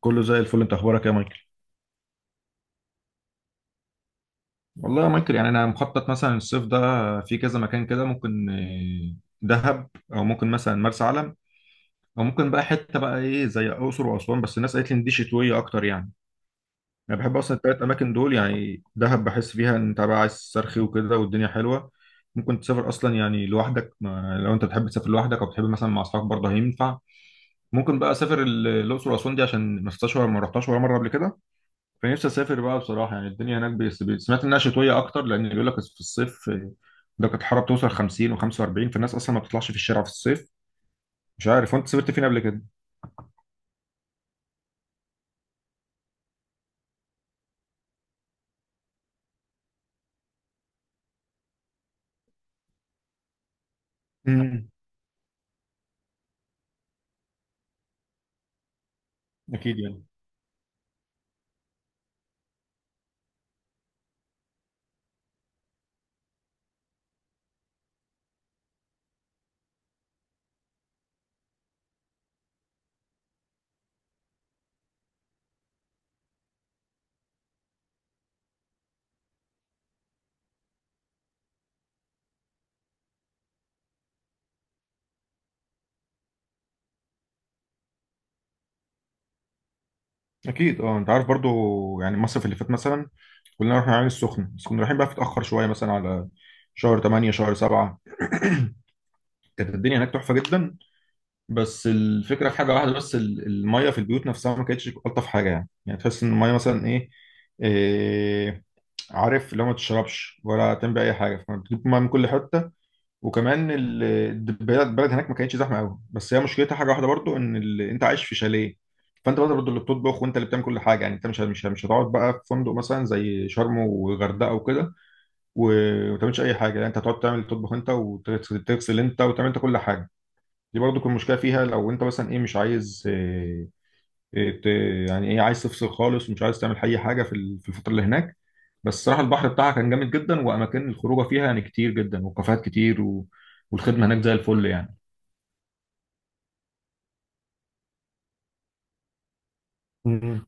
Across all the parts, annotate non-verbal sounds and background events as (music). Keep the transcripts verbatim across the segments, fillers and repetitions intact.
كله زي الفل. انت اخبارك ايه يا مايكل؟ والله يا مايكل، يعني انا مخطط مثلا الصيف ده في كذا مكان كده، ممكن آه، دهب، او ممكن مثلا مرسى علم، او ممكن بقى حته بقى ايه زي الاقصر واسوان. بس الناس قالت لي ان دي شتويه اكتر يعني. انا بحب اصلا الثلاث اماكن دول، يعني دهب بحس فيها ان انت بقى عايز تسترخي وكده والدنيا حلوه، ممكن تسافر اصلا يعني لوحدك، ما لو انت بتحب تسافر لوحدك او بتحب مثلا مع اصحابك برضه هينفع. ممكن بقى اسافر ال- الاقصر واسوان دي، عشان ما شفتهاش ولا ما رحتهاش ولا مره قبل كده. فنفسي اسافر بقى بصراحه، يعني الدنيا هناك بيس بيس- سمعت انها شتويه اكتر، لان بيقول لك في الصيف آه، درجه الحراره بتوصل خمسين وخمسة واربعين، فالناس اصلا ما بتطلعش في الشارع في الصيف. مش عارف، وانت سافرت فين قبل كده؟ امم. اكيد يعني. اكيد، اه انت عارف برضو. يعني مصر في اللي فات مثلا، كلنا رحنا العين السخنه، بس كنا رايحين بقى في، اتاخر شويه مثلا على شهر تمانية شهر سبعة (clears throat) كانت الدنيا هناك تحفه جدا. بس الفكره في حاجه واحده بس، ال- الميه في البيوت نفسها ما كانتش الطف حاجه، يعني يعني تحس ان الميه مثلا ايه. إيه، عارف، لو ما تشربش ولا تعمل اي حاجه فبتجيب ميه من كل حته. وكمان ال- البلد البلد هناك ما كانتش زحمه قوي، بس هي مشكلتها حاجه واحده برضو، ان ال... انت عايش في شاليه، فانت برضه برضه اللي بتطبخ، وانت اللي بتعمل كل حاجه. يعني انت مش مش مش هتقعد بقى في فندق مثلا زي شرم وغردقه وكده و- وما تعملش اي حاجه. يعني انت هتقعد تعمل تطبخ انت، وتغسل تغسل انت، وتعمل انت كل حاجه. دي برضه كل مشكله فيها، لو انت مثلا ايه مش عايز آه، إيه، ت- يعني ايه، عايز تفصل خالص ومش عايز تعمل اي حاجه في ال- في الفتره اللي هناك. بس الصراحه البحر بتاعها كان جامد جدا، واماكن الخروجه فيها يعني كتير جدا، وكافيهات كتير و... والخدمه هناك زي الفل يعني. مم.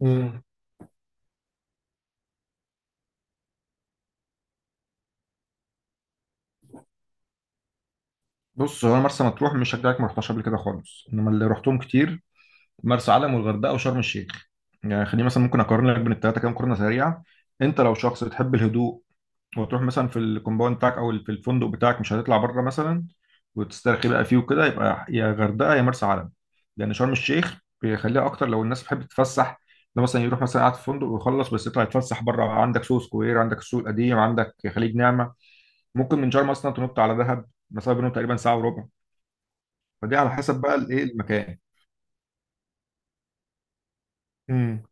مم. بص، هو أنا مرسى مطروح مش هشجعك، ما رحتهاش قبل كده خالص. انما اللي رحتهم كتير مرسى علم والغردقه وشرم الشيخ. يعني خليني مثلا ممكن اقارن لك بين الثلاثه كام مقارنه سريعه. انت لو شخص بتحب الهدوء، وتروح مثلا في الكومباوند بتاعك او في الفندق بتاعك، مش هتطلع بره مثلا وتسترخي بقى فيه وكده، يبقى يا غردقه يا مرسى علم. لان شرم الشيخ بيخليها اكتر لو الناس بتحب تتفسح. لو مثلا يروح مثلا قاعد في فندق، ويخلص بس يطلع يتفسح بره، عندك سوق سكوير، عندك السوق القديم، عندك خليج نعمه. ممكن من شرم اصلا تنط على دهب، مسافه بينهم تقريبا ساعه وربع. فدي على حسب بقى الايه، المكان. امم.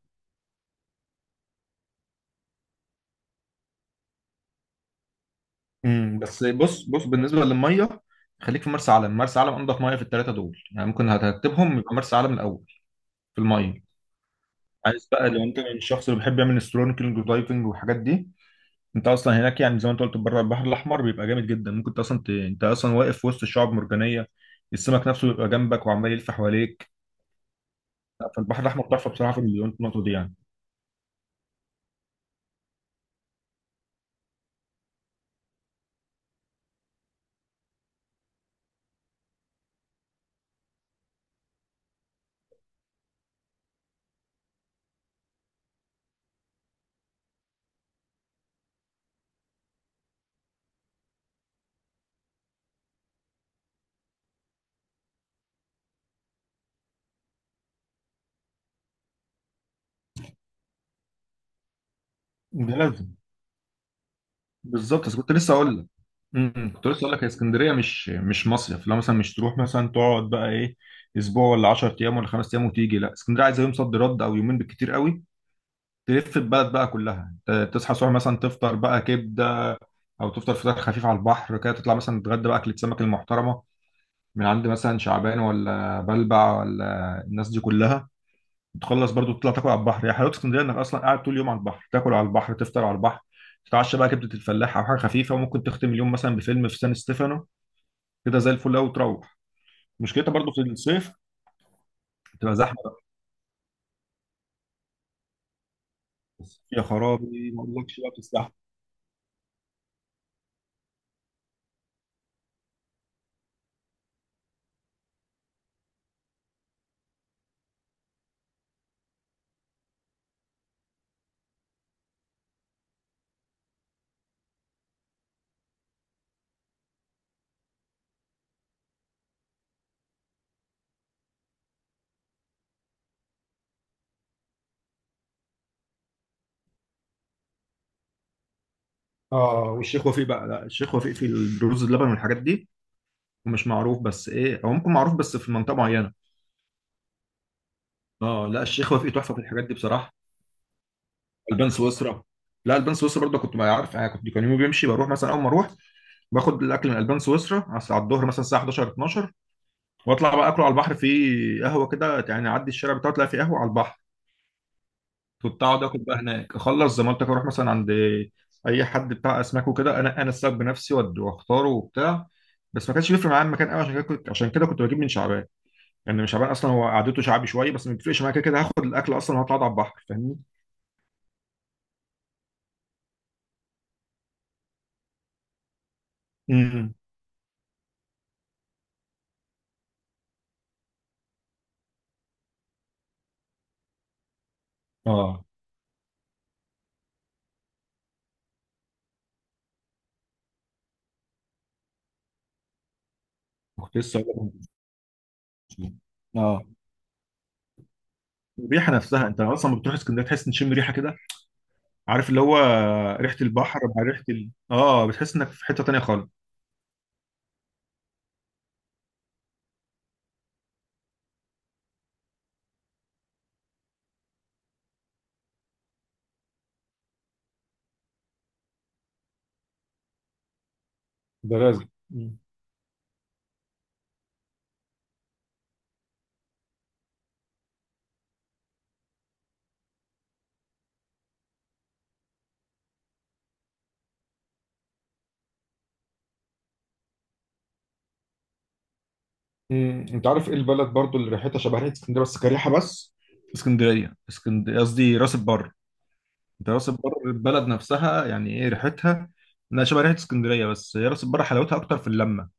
امم، بس بص بص بالنسبه للميه، خليك في مرسى علم. مرسى علم انضف ميه في الثلاثه دول. يعني ممكن هترتبهم يبقى مرسى علم الاول في الميه. عايز بقى، لو انت من الشخص اللي بيحب يعمل استرونيكلينج ودايفنج والحاجات دي، انت اصلا هناك، يعني زي ما انت قلت، بره البحر الاحمر بيبقى جامد جدا، ممكن انت اصلا ت... انت اصلا واقف في وسط الشعاب المرجانيه، السمك نفسه بيبقى جنبك وعمال يلف حواليك. لا، فالبحر الاحمر تحفه بصراحه، في المليون في النقطه دي يعني. ده لازم. بالظبط، بس كنت لسه اقول لك. امم، كنت لسه اقول لك، هي اسكندريه مش مش مصيف. لو مثلا مش تروح مثلا تقعد بقى ايه اسبوع ولا عشر ايام ولا خمس ايام، وتيجي لا، اسكندريه عايزه يوم صد رد او يومين بالكتير قوي. تلف البلد بقى كلها، ت- تصحى الصبح مثلا تفطر بقى كبده، او تفطر فطار خفيف على البحر كده، تطلع مثلا تتغدى بقى اكله سمك المحترمه من عند مثلا شعبان، ولا بلبع، ولا الناس دي كلها. تخلص برضو تطلع تاكل على البحر. يا حلاوه اسكندريه، انك اصلا قاعد طول اليوم على البحر، تاكل على البحر، تفطر على البحر، تتعشى بقى كبده الفلاح او حاجه خفيفه. وممكن تختم اليوم مثلا بفيلم في سان ستيفانو، كده زي الفل قوي. وتروح. مشكلتها برضو في الصيف، بتبقى زحمه بقى. يا خرابي ما اقولكش بقى، بتستحمل. اه، والشيخ وفيق بقى. لا، الشيخ وفيق في الرز اللبن والحاجات دي، ومش معروف، بس ايه، او ممكن معروف بس في منطقه معينه. اه، لا الشيخ وفيق تحفه في الحاجات دي بصراحه. البان سويسرا. لا، البان سويسرا برضه كنت بقى عارف يعني. كنت كان يومي بيمشي، بروح مثلا اول ما اروح باخد الاكل من البان سويسرا على الظهر مثلا الساعه حداشر اتناشر، واطلع بقى اكله على البحر في قهوه كده. يعني اعدي الشارع بتاعه تلاقي في قهوه على البحر. كنت اقعد اكل بقى هناك، اخلص زمالتك اروح مثلا عند اي حد بتاع اسماك وكده. انا انا السبب بنفسي وأد- واختاره وبتاع. بس ما كانش بيفرق معايا المكان قوي، عشان كده كنت، عشان كده كنت بجيب من شعبان. يعني من شعبان اصلا هو قعدته شعبي شويه، بس ما بيفرقش معايا، كده كده هاخد الاكل اصلا وهطلع أقعد على البحر. فاهمني؟ اه، كنت لسه هقول لك. اه، الريحه نفسها انت اصلا لما بتروح اسكندريه تحس ان تشم ريحه كده. عارف اللي هو، ريحه البحر مع ريحه ال... اه بتحس انك في حته تانيه خالص. ده لازم. مم. مم. انت عارف ايه البلد برضو اللي ريحتها شبه ريحه اسكندريه، بس كريحه بس؟ اسكندريه، اسكندريه قصدي راس البر. انت راس البر البلد نفسها يعني ايه ريحتها، انها شبه ريحه اسكندريه. بس هي راس البر حلاوتها اكتر في اللمه،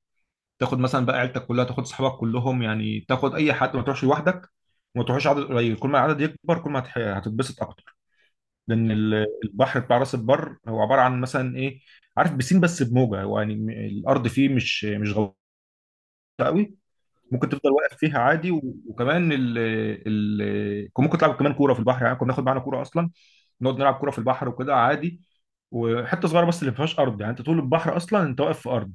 تاخد مثلا بقى عيلتك كلها، تاخد صحابك كلهم. يعني تاخد اي حد، ما تروحش لوحدك، وما تروحش عدد قليل. كل ما العدد يكبر كل ما هتح- هتتبسط اكتر. لان ال- البحر بتاع راس البر هو عباره عن مثلا ايه، عارف، بسين بس بموجه. هو يعني م- الارض فيه مش مش غلطه قوي. ممكن تفضل واقف فيها عادي، و- وكمان ال ال كان ممكن تلعب كمان كوره في البحر. يعني كنا ناخد معانا كوره اصلا، نقعد نلعب كوره في البحر وكده عادي. وحته صغيره بس اللي ما فيهاش ارض، يعني انت طول البحر اصلا انت واقف في ارض.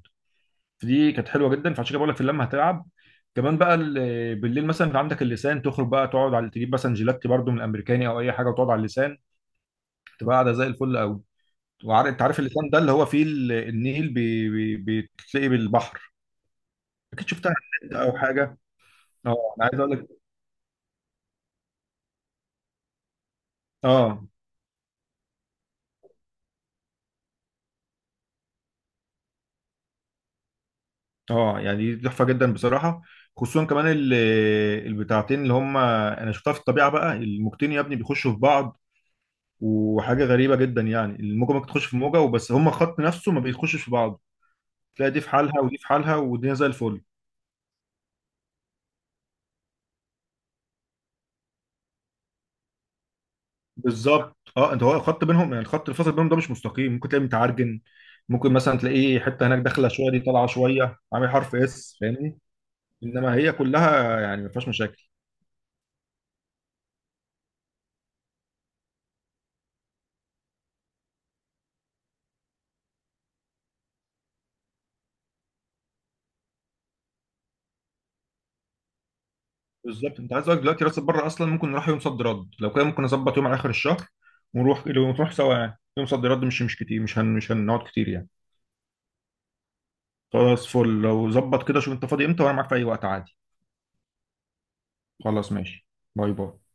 فدي كانت حلوه جدا، فعشان كده بقول لك في اللمه هتلعب كمان بقى. ال- بالليل مثلا انت عندك اللسان، تخرج بقى تقعد على، تجيب مثلا جيلاتي برضو من الامريكاني او اي حاجه، وتقعد على اللسان تبقى قاعده زي الفل قوي. وعارف، انت عارف اللسان ده اللي هو فيه ال- النيل بي... بي... بتلاقي بالبحر. اكيد شفتها على النت او حاجه. اه انا عايز اقول لك. اه اه. يعني دي تحفه جدا بصراحه، خصوصا كمان ال- البتاعتين اللي هم انا شفتها في الطبيعه بقى، الموجتين يا ابني بيخشوا في بعض. وحاجه غريبه جدا، يعني الموجه ممكن تخش في موجه وبس، هما خط نفسه ما بيخشش في بعض. تلاقي دي في حالها، ودي في حالها، والدنيا زي الفل. بالظبط، اه، انت هو الخط بينهم، يعني الخط اللي فاصل بينهم ده مش مستقيم، ممكن تلاقيه متعرجن. ممكن مثلا تلاقيه حته هناك داخله شويه، دي طالعه شويه، عامل حرف اس، فاهمني. انما هي كلها يعني ما فيهاش مشاكل. بالظبط، انت عايز اقول لك دلوقتي راسب بره اصلا، ممكن نروح يوم صد رد، لو كده ممكن نظبط يوم على اخر الشهر ونروح، نروح سوا يعني. يوم صد رد مش مش كتير، مش هن مش هنقعد كتير يعني. خلاص فل، لو ظبط كده شوف انت فاضي امتى، وانا معاك في اي وقت عادي. خلاص ماشي. باي باي.